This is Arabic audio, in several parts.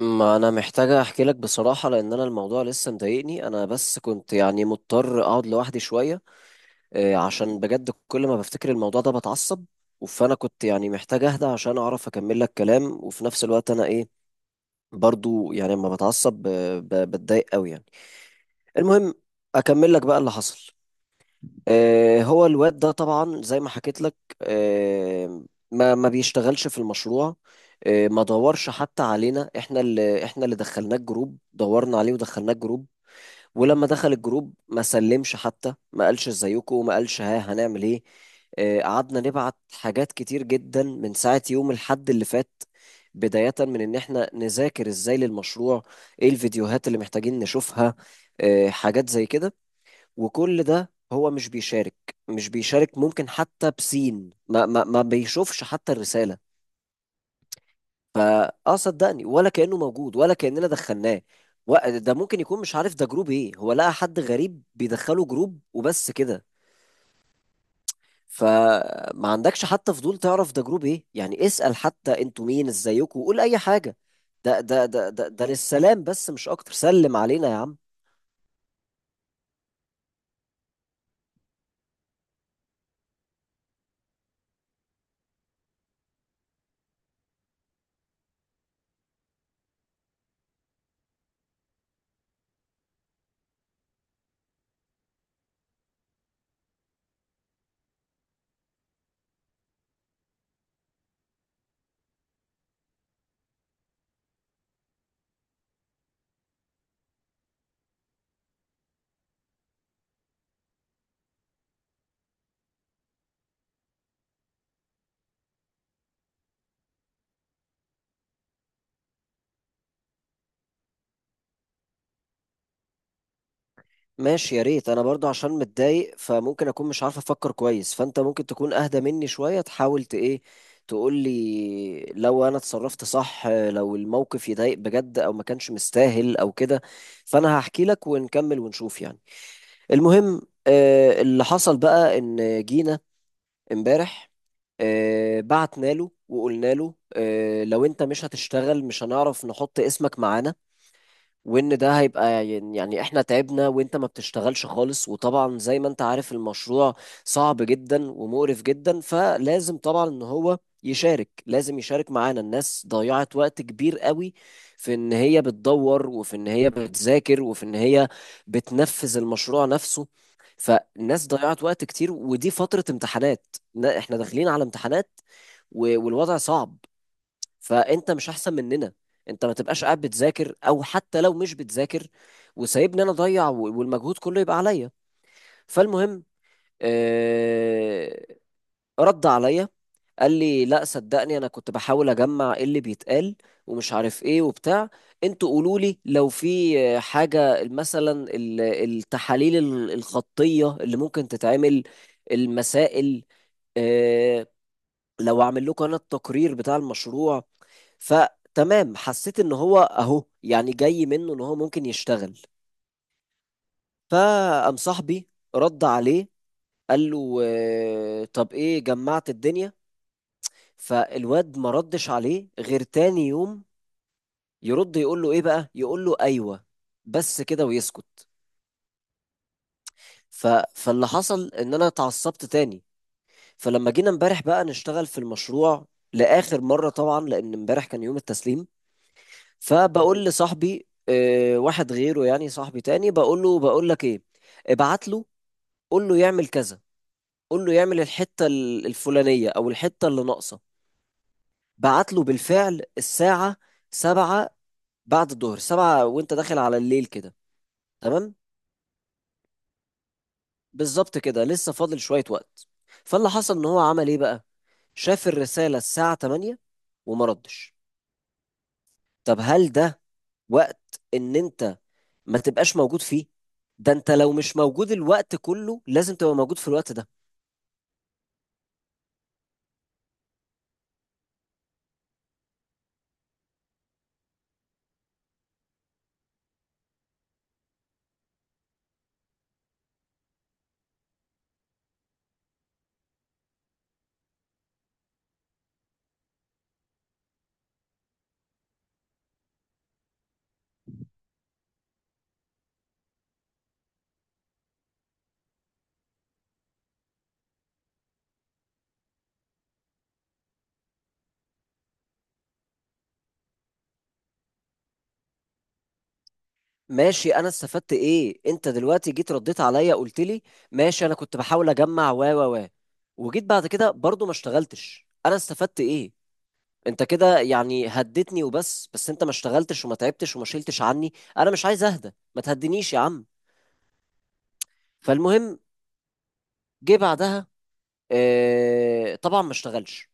ما انا محتاجة احكي لك بصراحة، لان انا الموضوع لسه مضايقني. انا بس كنت يعني مضطر اقعد لوحدي شوية. عشان بجد كل ما بفتكر الموضوع ده بتعصب. فانا كنت يعني محتاج اهدى عشان اعرف اكمل لك كلام، وفي نفس الوقت انا ايه برضو يعني لما بتعصب بتضايق قوي يعني. المهم، اكمل لك بقى اللي حصل. هو الواد ده طبعا زي ما حكيت لك، آه، ما بيشتغلش في المشروع. ما دورش حتى علينا، احنا اللي دخلناه الجروب، دورنا عليه ودخلناه الجروب. ولما دخل الجروب ما سلمش، حتى ما قالش ازيكم، ما قالش ها هنعمل ايه. قعدنا نبعت حاجات كتير جدا من ساعة يوم الحد اللي فات، بداية من ان احنا نذاكر ازاي للمشروع، ايه الفيديوهات اللي محتاجين نشوفها، حاجات زي كده، وكل ده هو مش بيشارك. مش بيشارك، ممكن حتى بسين ما بيشوفش حتى الرسالة. فاه صدقني ولا كأنه موجود ولا كأننا دخلناه. ده ممكن يكون مش عارف ده جروب ايه، هو لقى حد غريب بيدخله جروب وبس كده. فما عندكش حتى فضول تعرف ده جروب ايه؟ يعني اسأل حتى انتوا مين، ازيكم، وقول اي حاجة. ده للسلام بس، مش اكتر، سلم علينا يا عم. ماشي، يا ريت انا برضو عشان متضايق فممكن اكون مش عارف افكر كويس، فانت ممكن تكون اهدى مني شوية، تحاول ت ايه، تقول لي لو انا اتصرفت صح، لو الموقف يضايق بجد او ما كانش مستاهل او كده. فانا هحكي لك ونكمل ونشوف يعني. المهم، اللي حصل بقى ان جينا امبارح، بعتنا له وقلنا له لو انت مش هتشتغل مش هنعرف نحط اسمك معانا، وان ده هيبقى يعني يعني احنا تعبنا وانت ما بتشتغلش خالص. وطبعا زي ما انت عارف المشروع صعب جدا ومقرف جدا، فلازم طبعا ان هو يشارك، لازم يشارك معانا. الناس ضيعت وقت كبير قوي في ان هي بتدور، وفي ان هي بتذاكر، وفي ان هي بتنفذ المشروع نفسه. فالناس ضيعت وقت كتير، ودي فترة امتحانات، احنا داخلين على امتحانات، والوضع صعب. فانت مش احسن مننا، انت ما تبقاش قاعد بتذاكر، او حتى لو مش بتذاكر وسايبني انا اضيع، والمجهود كله يبقى عليا. فالمهم، آه، رد عليا، قال لي لا صدقني انا كنت بحاول اجمع ايه اللي بيتقال ومش عارف ايه وبتاع، انتوا قولوا لي لو في حاجة مثلا التحاليل الخطية اللي ممكن تتعمل، المسائل، آه، لو اعمل لكم انا التقرير بتاع المشروع. فتمام، حسيت ان هو اهو يعني جاي منه ان هو ممكن يشتغل. فقام صاحبي رد عليه، قال له طب ايه جمعت الدنيا؟ فالواد ما ردش عليه غير تاني يوم، يرد يقول له ايه بقى، يقول له ايوه بس كده ويسكت. ف... فاللي حصل ان انا اتعصبت تاني. فلما جينا امبارح بقى نشتغل في المشروع لاخر مره، طبعا لان امبارح كان يوم التسليم، فبقول لصاحبي، واحد غيره، يعني صاحبي تاني، بقول له، بقول لك ايه، ابعت له، قول له يعمل كذا، قول له يعمل الحتة الفلانية او الحتة اللي ناقصة. بعت له بالفعل الساعة سبعة بعد الظهر، سبعة وانت داخل على الليل كده. تمام، بالظبط كده، لسه فاضل شوية وقت. فاللي حصل ان هو عمل ايه بقى، شاف الرسالة الساعة 8 وما ردش. طب هل ده وقت ان انت ما تبقاش موجود فيه؟ ده انت لو مش موجود الوقت كله لازم تبقى موجود في الوقت ده. ماشي، انا استفدت ايه انت دلوقتي جيت رديت عليا قلت لي ماشي انا كنت بحاول اجمع و وجيت بعد كده برضو ما اشتغلتش؟ انا استفدت ايه؟ انت كده يعني هدتني وبس، بس انت ما اشتغلتش وما تعبتش وما شلتش عني. انا مش عايز اهدى، ما تهدنيش يا عم. فالمهم، جه بعدها، اه طبعا ما اشتغلش،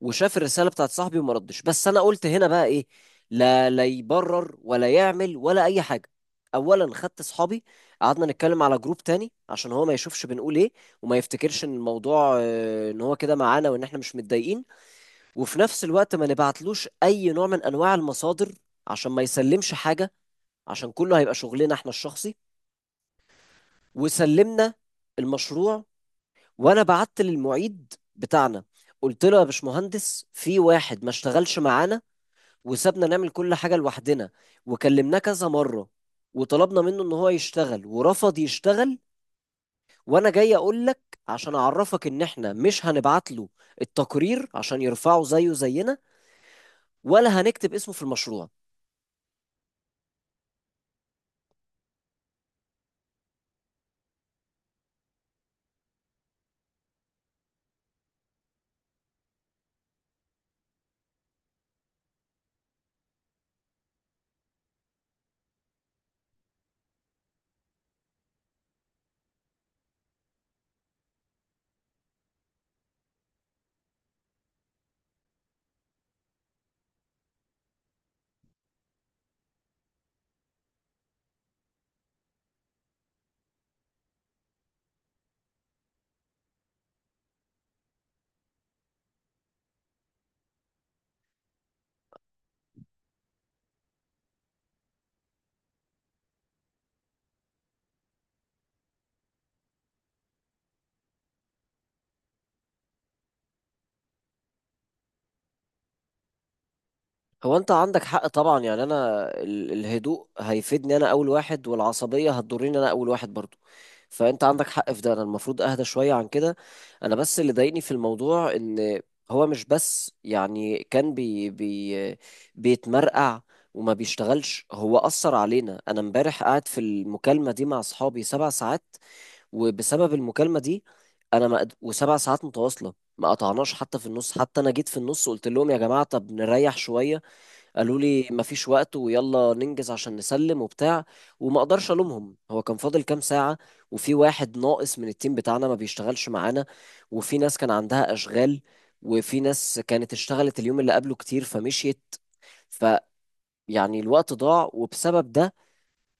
وشاف الرساله بتاعت صاحبي وما ردش. بس انا قلت هنا بقى ايه، لا لا يبرر ولا يعمل ولا اي حاجه. اولا، خدت اصحابي قعدنا نتكلم على جروب تاني عشان هو ما يشوفش بنقول ايه، وما يفتكرش ان الموضوع ان هو كده معانا وان احنا مش متضايقين. وفي نفس الوقت ما نبعتلوش اي نوع من انواع المصادر عشان ما يسلمش حاجه، عشان كله هيبقى شغلنا احنا الشخصي. وسلمنا المشروع، وانا بعت للمعيد بتاعنا قلت له يا باشمهندس في واحد ما اشتغلش معانا، وسابنا نعمل كل حاجة لوحدنا، وكلمناه كذا مرة وطلبنا منه ان هو يشتغل ورفض يشتغل. وانا جاي اقول لك عشان اعرفك ان احنا مش هنبعت له التقرير عشان يرفعه زيه زينا، ولا هنكتب اسمه في المشروع. هو انت عندك حق طبعا، يعني انا الهدوء هيفيدني انا اول واحد، والعصبية هتضرني انا اول واحد برضو. فانت عندك حق في ده، انا المفروض اهدى شوية عن كده. انا بس اللي ضايقني في الموضوع ان هو مش بس يعني كان بي بي بيتمرقع وما بيشتغلش، هو أثر علينا. انا امبارح قاعد في المكالمة دي مع اصحابي سبع ساعات، وبسبب المكالمة دي انا ما قد- وسبع ساعات متواصلة ما قطعناش حتى في النص. حتى انا جيت في النص قلت لهم يا جماعة طب نريح شوية، قالوا لي مفيش وقت ويلا ننجز عشان نسلم وبتاع. وما اقدرش الومهم، هو كان فاضل كام ساعة، وفي واحد ناقص من التيم بتاعنا ما بيشتغلش معانا، وفي ناس كان عندها اشغال، وفي ناس كانت اشتغلت اليوم اللي قبله كتير فمشيت. فيعني الوقت ضاع، وبسبب ده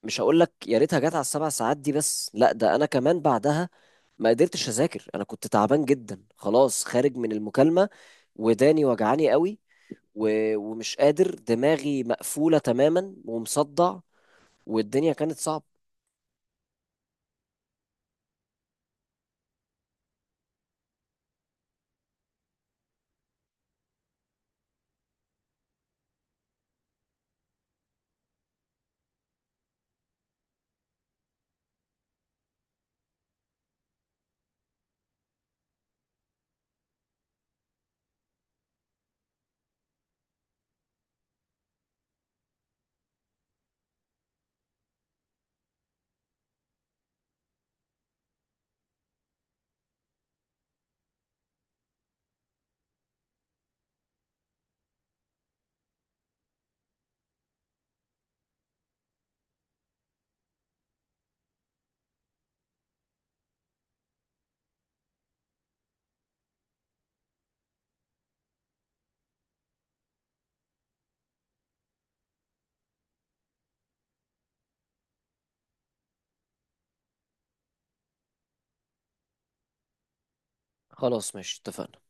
مش هقول لك يا ريتها جت على السبع ساعات دي بس، لا ده انا كمان بعدها ما قدرتش اذاكر، انا كنت تعبان جدا خلاص، خارج من المكالمة وداني وجعاني قوي، ومش قادر، دماغي مقفولة تماما ومصدع، والدنيا كانت صعبة. خلاص ماشي اتفقنا.